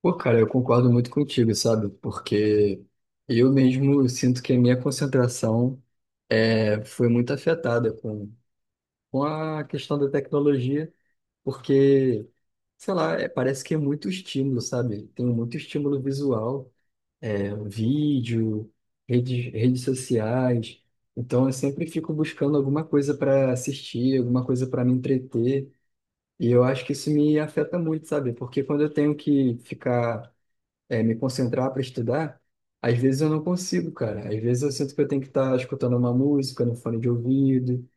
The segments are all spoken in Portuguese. Pô, cara, eu concordo muito contigo, sabe? Porque eu mesmo sinto que a minha concentração foi muito afetada com a questão da tecnologia, porque, sei lá, parece que é muito estímulo, sabe? Tem muito estímulo visual, vídeo, redes sociais. Então, eu sempre fico buscando alguma coisa para assistir, alguma coisa para me entreter. E eu acho que isso me afeta muito, sabe? Porque quando eu tenho que ficar me concentrar para estudar, às vezes eu não consigo, cara. Às vezes eu sinto que eu tenho que estar escutando uma música no fone de ouvido,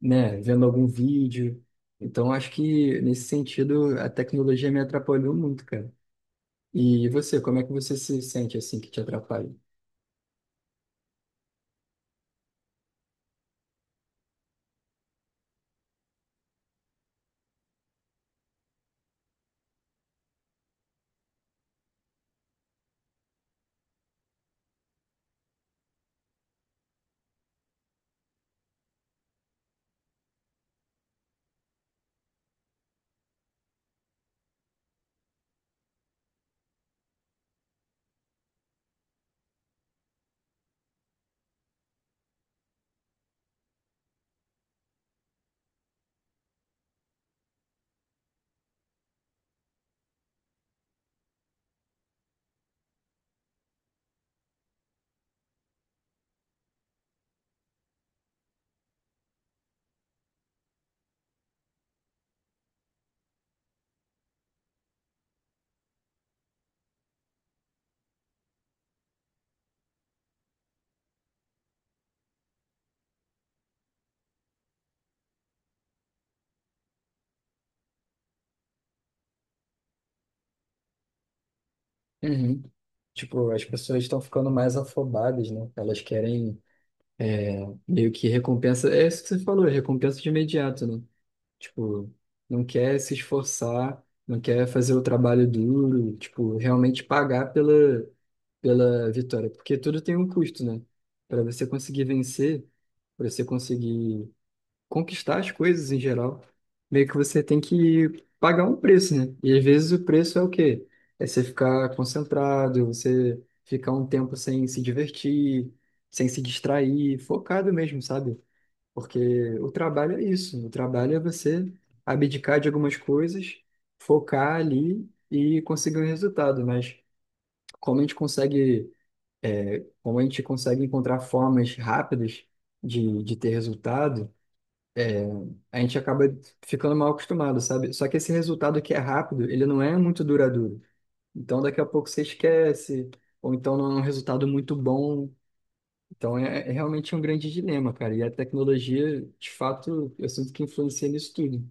né, vendo algum vídeo. Então, acho que nesse sentido a tecnologia me atrapalhou muito, cara. E você, como é que você se sente assim que te atrapalha? Uhum. Tipo, as pessoas estão ficando mais afobadas, né? Elas querem meio que recompensa. É isso que você falou, recompensa de imediato, né? Tipo, não quer se esforçar, não quer fazer o trabalho duro, tipo, realmente pagar pela vitória. Porque tudo tem um custo, né? Para você conseguir vencer, para você conseguir conquistar as coisas em geral, meio que você tem que pagar um preço, né? E às vezes o preço é o quê? É você ficar concentrado, você ficar um tempo sem se divertir, sem se distrair, focado mesmo, sabe? Porque o trabalho é isso. O trabalho é você abdicar de algumas coisas, focar ali e conseguir um resultado. Mas como a gente consegue, como a gente consegue encontrar formas rápidas de ter resultado, a gente acaba ficando mal acostumado, sabe? Só que esse resultado que é rápido, ele não é muito duradouro. Então daqui a pouco você esquece, ou então não é um resultado muito bom. Então é realmente um grande dilema, cara. E a tecnologia, de fato, eu sinto que influencia nisso tudo.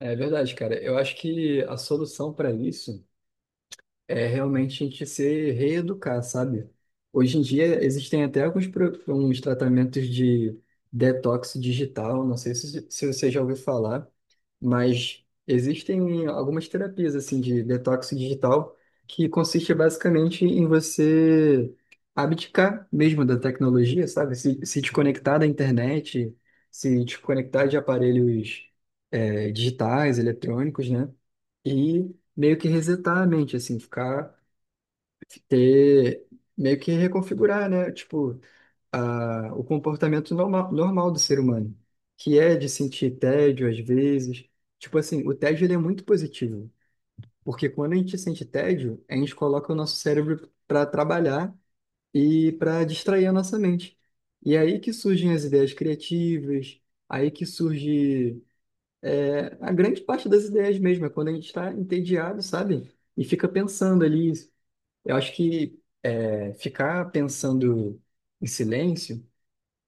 É verdade, cara. Eu acho que a solução para isso é realmente a gente se reeducar, sabe? Hoje em dia existem até alguns uns tratamentos de detox digital, não sei se você já ouviu falar, mas existem algumas terapias assim de detox digital que consiste basicamente em você abdicar mesmo da tecnologia, sabe? Se desconectar da internet, se desconectar de aparelhos digitais, eletrônicos, né? E meio que resetar a mente, assim, ficar, ter, meio que reconfigurar, né? Tipo, o comportamento normal do ser humano, que é de sentir tédio às vezes. Tipo assim, o tédio ele é muito positivo, porque quando a gente sente tédio, a gente coloca o nosso cérebro para trabalhar e para distrair a nossa mente. E é aí que surgem as ideias criativas, aí que surge a grande parte das ideias mesmo é quando a gente está entediado, sabe? E fica pensando ali. Eu acho que ficar pensando em silêncio,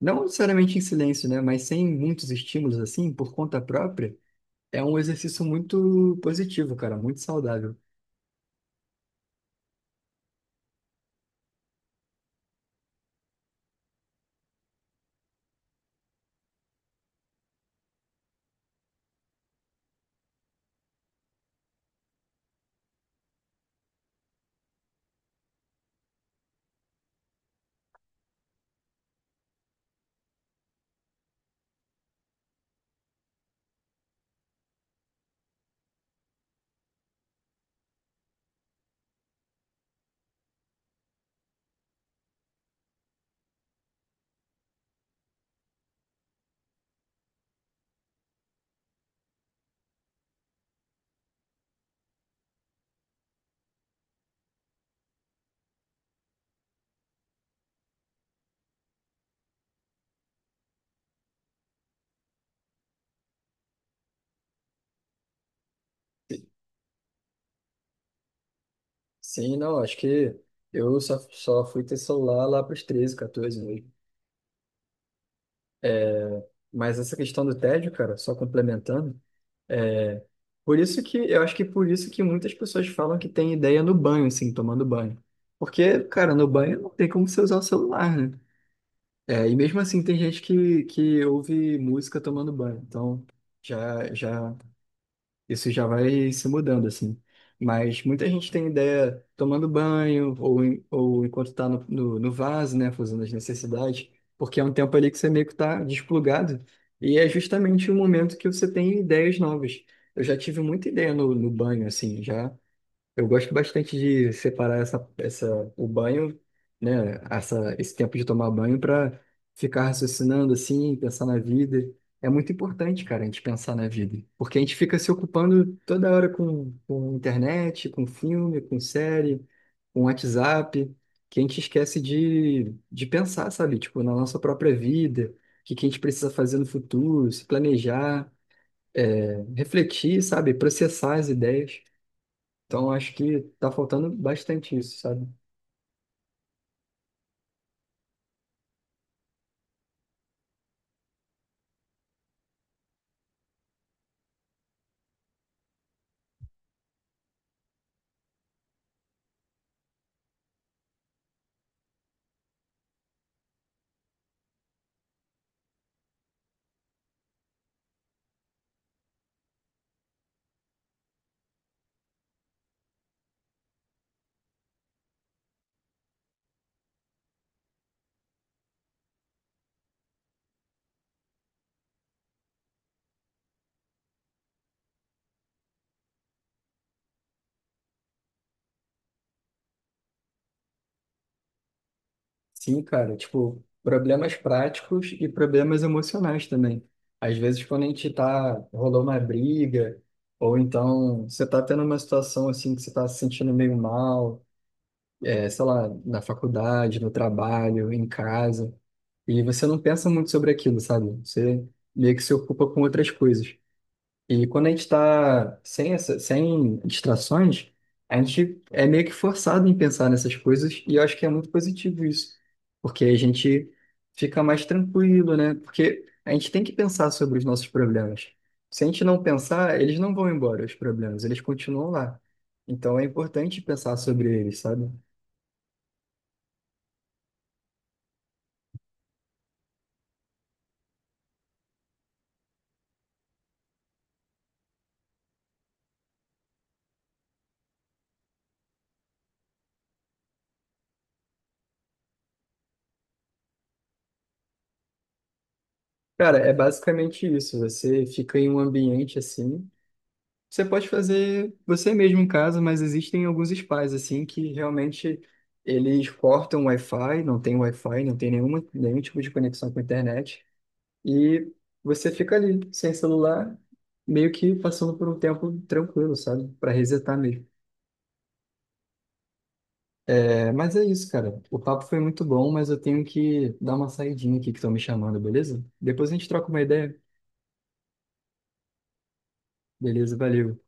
não necessariamente em silêncio, né? Mas sem muitos estímulos assim, por conta própria, é um exercício muito positivo, cara, muito saudável. Sim, não, acho que eu só fui ter celular lá para os 13, 14 mesmo. Mas essa questão do tédio, cara, só complementando. É, por isso que eu acho que por isso que muitas pessoas falam que tem ideia no banho, assim, tomando banho. Porque, cara, no banho não tem como você usar o celular, né? É, e mesmo assim tem gente que ouve música tomando banho. Então, já isso já vai se mudando, assim. Mas muita gente tem ideia tomando banho ou, ou enquanto está no, no vaso, né, fazendo as necessidades, porque é um tempo ali que você meio que está desplugado e é justamente o momento que você tem ideias novas. Eu já tive muita ideia no, no banho, assim, já. Eu gosto bastante de separar essa, o banho, né? Essa, esse tempo de tomar banho para ficar raciocinando assim, pensar na vida. É muito importante, cara, a gente pensar na vida. Porque a gente fica se ocupando toda hora com internet, com filme, com série, com WhatsApp, que a gente esquece de pensar, sabe? Tipo, na nossa própria vida, que a gente precisa fazer no futuro, se planejar, refletir, sabe? Processar as ideias. Então, acho que tá faltando bastante isso, sabe? Sim, cara, tipo, problemas práticos e problemas emocionais também. Às vezes, quando a gente tá, rolou uma briga, ou então você tá tendo uma situação assim que você tá se sentindo meio mal, sei lá, na faculdade, no trabalho, em casa, e você não pensa muito sobre aquilo, sabe? Você meio que se ocupa com outras coisas. E quando a gente está sem, sem distrações, a gente é meio que forçado em pensar nessas coisas, e eu acho que é muito positivo isso, porque a gente fica mais tranquilo, né? Porque a gente tem que pensar sobre os nossos problemas. Se a gente não pensar, eles não vão embora, os problemas, eles continuam lá. Então é importante pensar sobre eles, sabe? Cara, é basicamente isso. Você fica em um ambiente assim. Você pode fazer você mesmo em casa, mas existem alguns spas assim que realmente eles cortam o Wi-Fi, não tem nenhuma, nenhum tipo de conexão com a internet e você fica ali sem celular, meio que passando por um tempo tranquilo, sabe? Para resetar mesmo. É, mas é isso, cara. O papo foi muito bom, mas eu tenho que dar uma saidinha aqui que estão me chamando, beleza? Depois a gente troca uma ideia. Beleza, valeu.